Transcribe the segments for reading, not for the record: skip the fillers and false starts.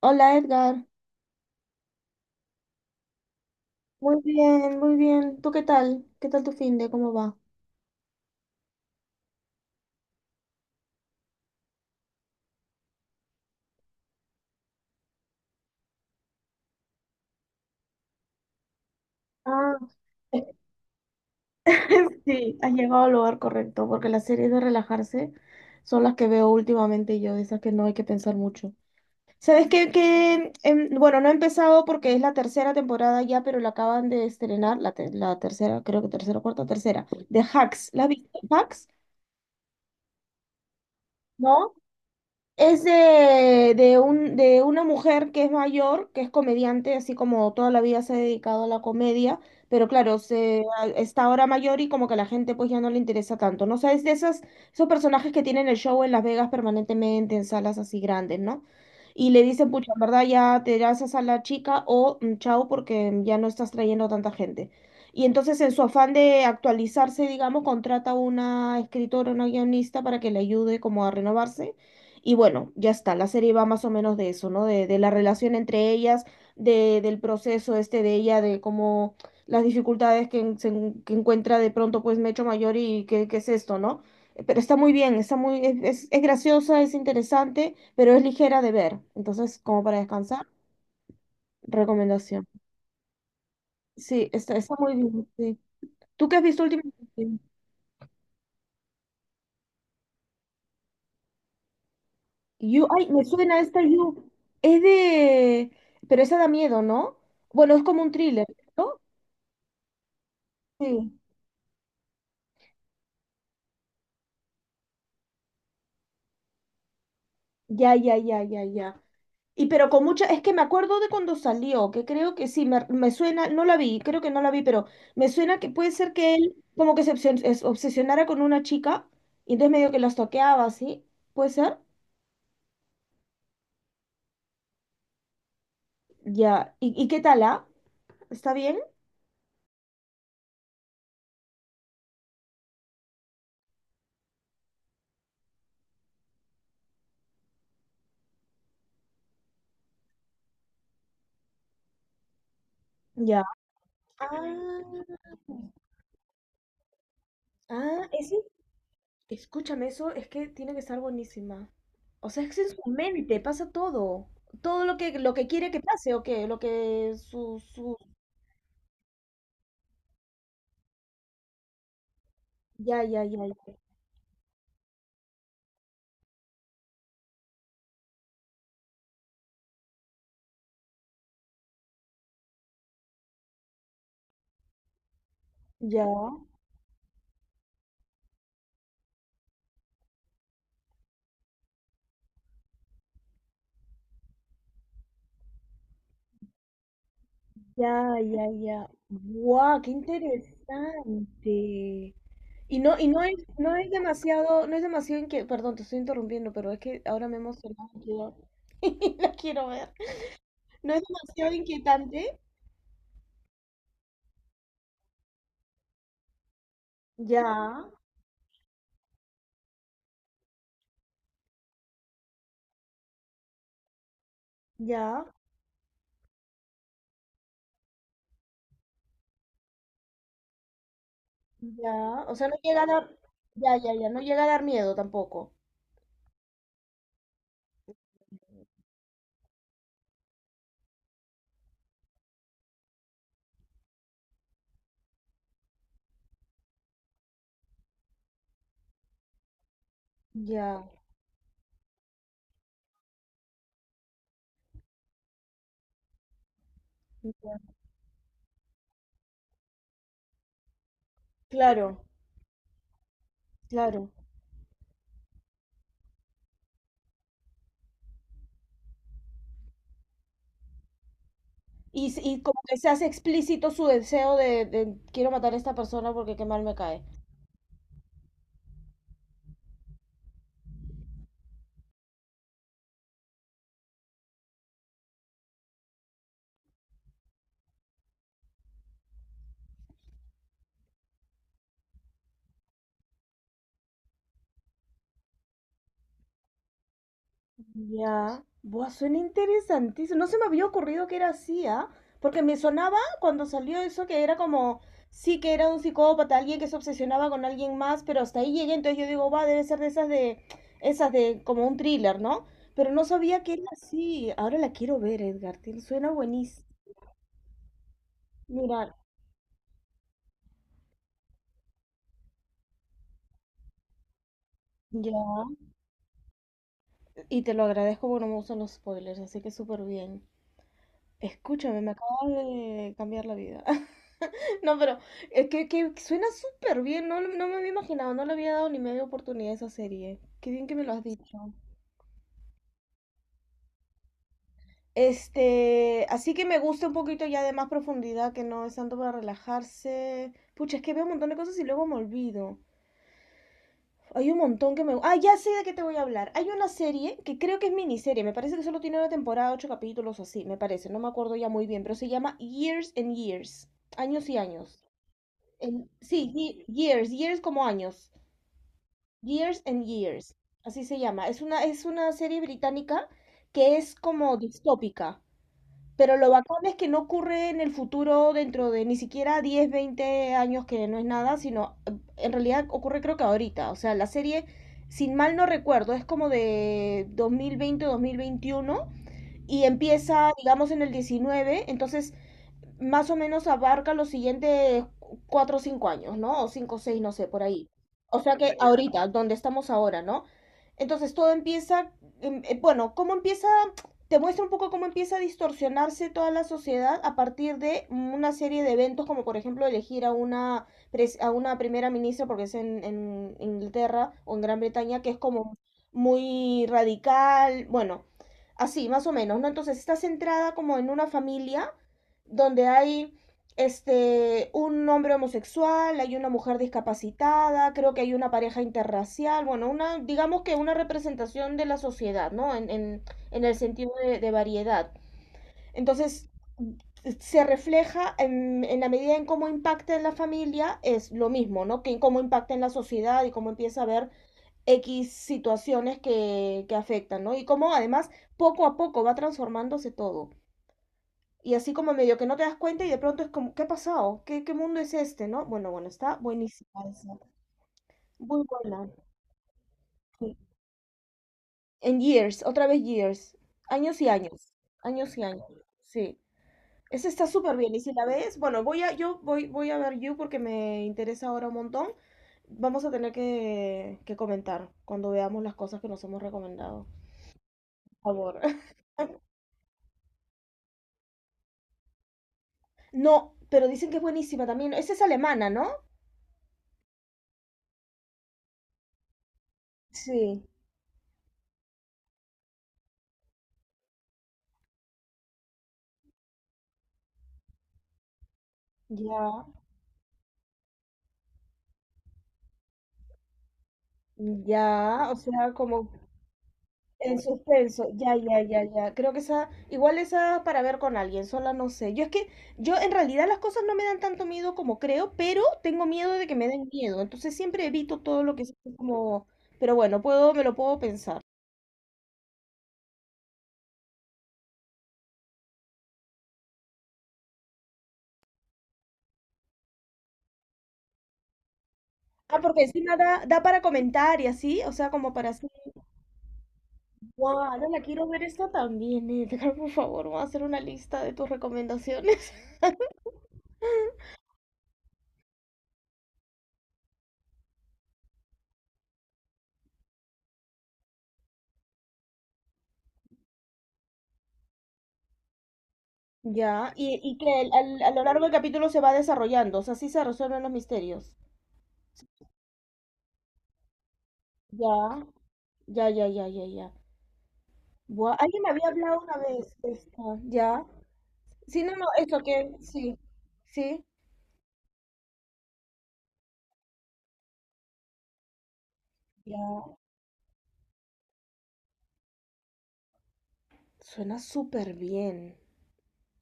Hola, Edgar. Muy bien, muy bien. ¿Tú qué tal? ¿Qué tal tu finde? ¿Cómo va? Ah. Sí, has llegado al lugar correcto, porque las series de relajarse son las que veo últimamente yo, de esas que no hay que pensar mucho. ¿Sabes qué? Que, bueno, no he empezado porque es la tercera temporada ya, pero la acaban de estrenar, la tercera, creo que tercera, cuarta, tercera, de Hacks. ¿La has visto? ¿Hacks? ¿No? Es de una mujer que es mayor, que es comediante, así como toda la vida se ha dedicado a la comedia, pero claro, está ahora mayor y como que a la gente pues ya no le interesa tanto, ¿no? O sea, es de esos personajes que tienen el show en Las Vegas permanentemente en salas así grandes, ¿no? Y le dicen, pucha, en verdad ya te das a sala chica o chao porque ya no estás trayendo tanta gente. Y entonces en su afán de actualizarse, digamos, contrata a una escritora, una guionista para que le ayude como a renovarse y bueno, ya está, la serie va más o menos de eso, ¿no? De la relación entre ellas, del proceso este de ella, de cómo las dificultades que, en- se en- que encuentra de pronto pues Mecho Mayor y qué es esto, ¿no? Pero está muy bien, está muy, es graciosa, es interesante, pero es ligera de ver. Entonces, como para descansar, recomendación. Sí, está muy bien, sí. ¿Tú qué has visto últimamente? You, ay, me suena esta You. Es de... Pero esa da miedo, ¿no? Bueno, es como un thriller, ¿no? Sí. Ya, ya, ya, ya, ya. Y pero con mucha, es que me acuerdo de cuando salió, que creo que sí, me suena, no la vi, creo que no la vi, pero me suena que puede ser que él como que se obsesionara con una chica y entonces medio que las toqueaba, ¿sí? ¿Puede ser? Ya. ¿Y qué tal, ah? ¿Está bien? Ya. Ah, ah, ese, escúchame, eso es que tiene que estar buenísima. O sea, es que en su mente pasa todo. Todo lo que, quiere que pase, o qué, lo que su, ya, ya, ya. Ya. Ya, ya, ya, ya. ¡Guau! ¡Qué interesante! Y no es, no es demasiado. Perdón, te estoy interrumpiendo, pero es que ahora me he emocionado y quiero- la quiero ver. No es demasiado inquietante. Ya, ya, ya. O sea, no llega a dar, ya, ya, ya, no llega a dar miedo tampoco. Ya, ya. Claro, claro. Y como que se hace explícito su deseo de quiero matar a esta persona porque qué mal me cae. Ya, buah, suena interesantísimo. No se me había ocurrido que era así, ¿ah? Porque me sonaba cuando salió eso que era como, sí que era un psicópata, alguien que se obsesionaba con alguien más, pero hasta ahí llegué, entonces yo digo, va, debe ser de, esas de como un thriller, ¿no? Pero no sabía que era así. Ahora la quiero ver, Edgar, suena buenísimo. Mira, ya. Y te lo agradezco porque no me gustan los spoilers, así que súper bien. Escúchame, me acabas de cambiar la vida. No, pero que suena súper bien. No, no me había imaginado, no le había dado ni media oportunidad a esa serie. Qué bien que me lo has dicho. Así que me gusta un poquito ya de más profundidad, que no es tanto para relajarse. Pucha, es que veo un montón de cosas y luego me olvido. Hay un montón que me... Ah, ya sé de qué te voy a hablar. Hay una serie que creo que es miniserie, me parece que solo tiene una temporada, ocho capítulos o así, me parece, no me acuerdo ya muy bien, pero se llama Years and Years, años y años. Sí, years, years como años. Years and Years, así se llama. Es una serie británica que es como distópica, pero lo bacán es que no ocurre en el futuro dentro de ni siquiera 10-20 años, que no es nada, sino en realidad ocurre creo que ahorita. O sea, la serie, sin mal no recuerdo, es como de dos mil veinte 2021 y empieza, digamos, en el 19, entonces más o menos abarca los siguientes 4 o 5 años, ¿no? O 5 o 6, no sé, por ahí. O sea que ahorita, donde estamos ahora, ¿no? Entonces todo empieza, bueno, cómo empieza, te muestra un poco cómo empieza a distorsionarse toda la sociedad a partir de una serie de eventos, como por ejemplo elegir a una, a una primera ministra, porque es en Inglaterra o en Gran Bretaña, que es como muy radical, bueno, así, más o menos, ¿no? Entonces está centrada como en una familia donde hay un hombre homosexual, hay una mujer discapacitada, creo que hay una pareja interracial, bueno, una, digamos que una representación de la sociedad, ¿no? En el sentido de variedad. Entonces, se refleja en la medida en cómo impacta en la familia, es lo mismo, ¿no? Que en cómo impacta en la sociedad y cómo empieza a haber X situaciones que afectan, ¿no? Y cómo además poco a poco va transformándose todo. Y así como medio que no te das cuenta y de pronto es como, ¿qué ha pasado? ¿Qué mundo es este, no? Bueno, bueno, está buenísima esa. Muy buena. Sí. En Years, otra vez Years. Años y años. Años y años. Sí. Esa está súper bien. Y si la ves, bueno, voy a ver You porque me interesa ahora un montón. Vamos a tener que comentar cuando veamos las cosas que nos hemos recomendado. Por favor. No, pero dicen que es buenísima también. Esa es alemana, ¿no? Sí. Ya. Ya, o sea, como en suspenso, ya, ya, ya, ya. Creo que esa, igual esa para ver con alguien, sola no sé. Yo es que, yo en realidad las cosas no me dan tanto miedo como creo, pero tengo miedo de que me den miedo. Entonces siempre evito todo lo que es así como, pero bueno, puedo, me lo puedo pensar. Ah, porque encima da para comentar y así, o sea, como para así, wow, ahora la quiero ver esta también, Edgar, por favor, voy a hacer una lista de tus recomendaciones. Ya, y que a lo largo del capítulo se va desarrollando, o sea, así se resuelven los misterios. Ya, ya, ya, ya, ya, ya. Buah, alguien me había hablado una vez de esta, ¿ya? Sí, no, no, eso que, sí, sí, ya. Suena súper bien.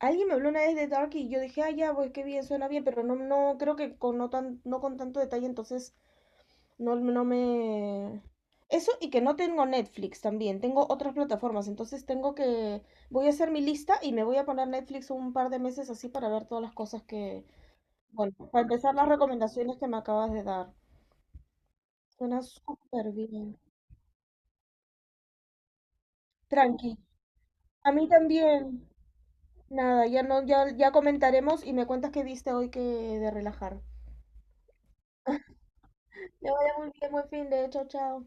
Alguien me habló una vez de Dark y yo dije, ah, ya, pues qué bien, suena bien, pero no, no, creo que con no con tanto detalle, entonces no, no me... Eso y que no tengo Netflix también, tengo otras plataformas, entonces tengo que... Voy a hacer mi lista y me voy a poner Netflix un par de meses así para ver todas las cosas que... Bueno, para empezar las recomendaciones que me acabas de dar. Suena súper bien. Tranqui. A mí también. Nada, ya no, ya, ya comentaremos y me cuentas qué viste hoy que de relajar. Que vaya muy bien, buen fin de, chao, chao.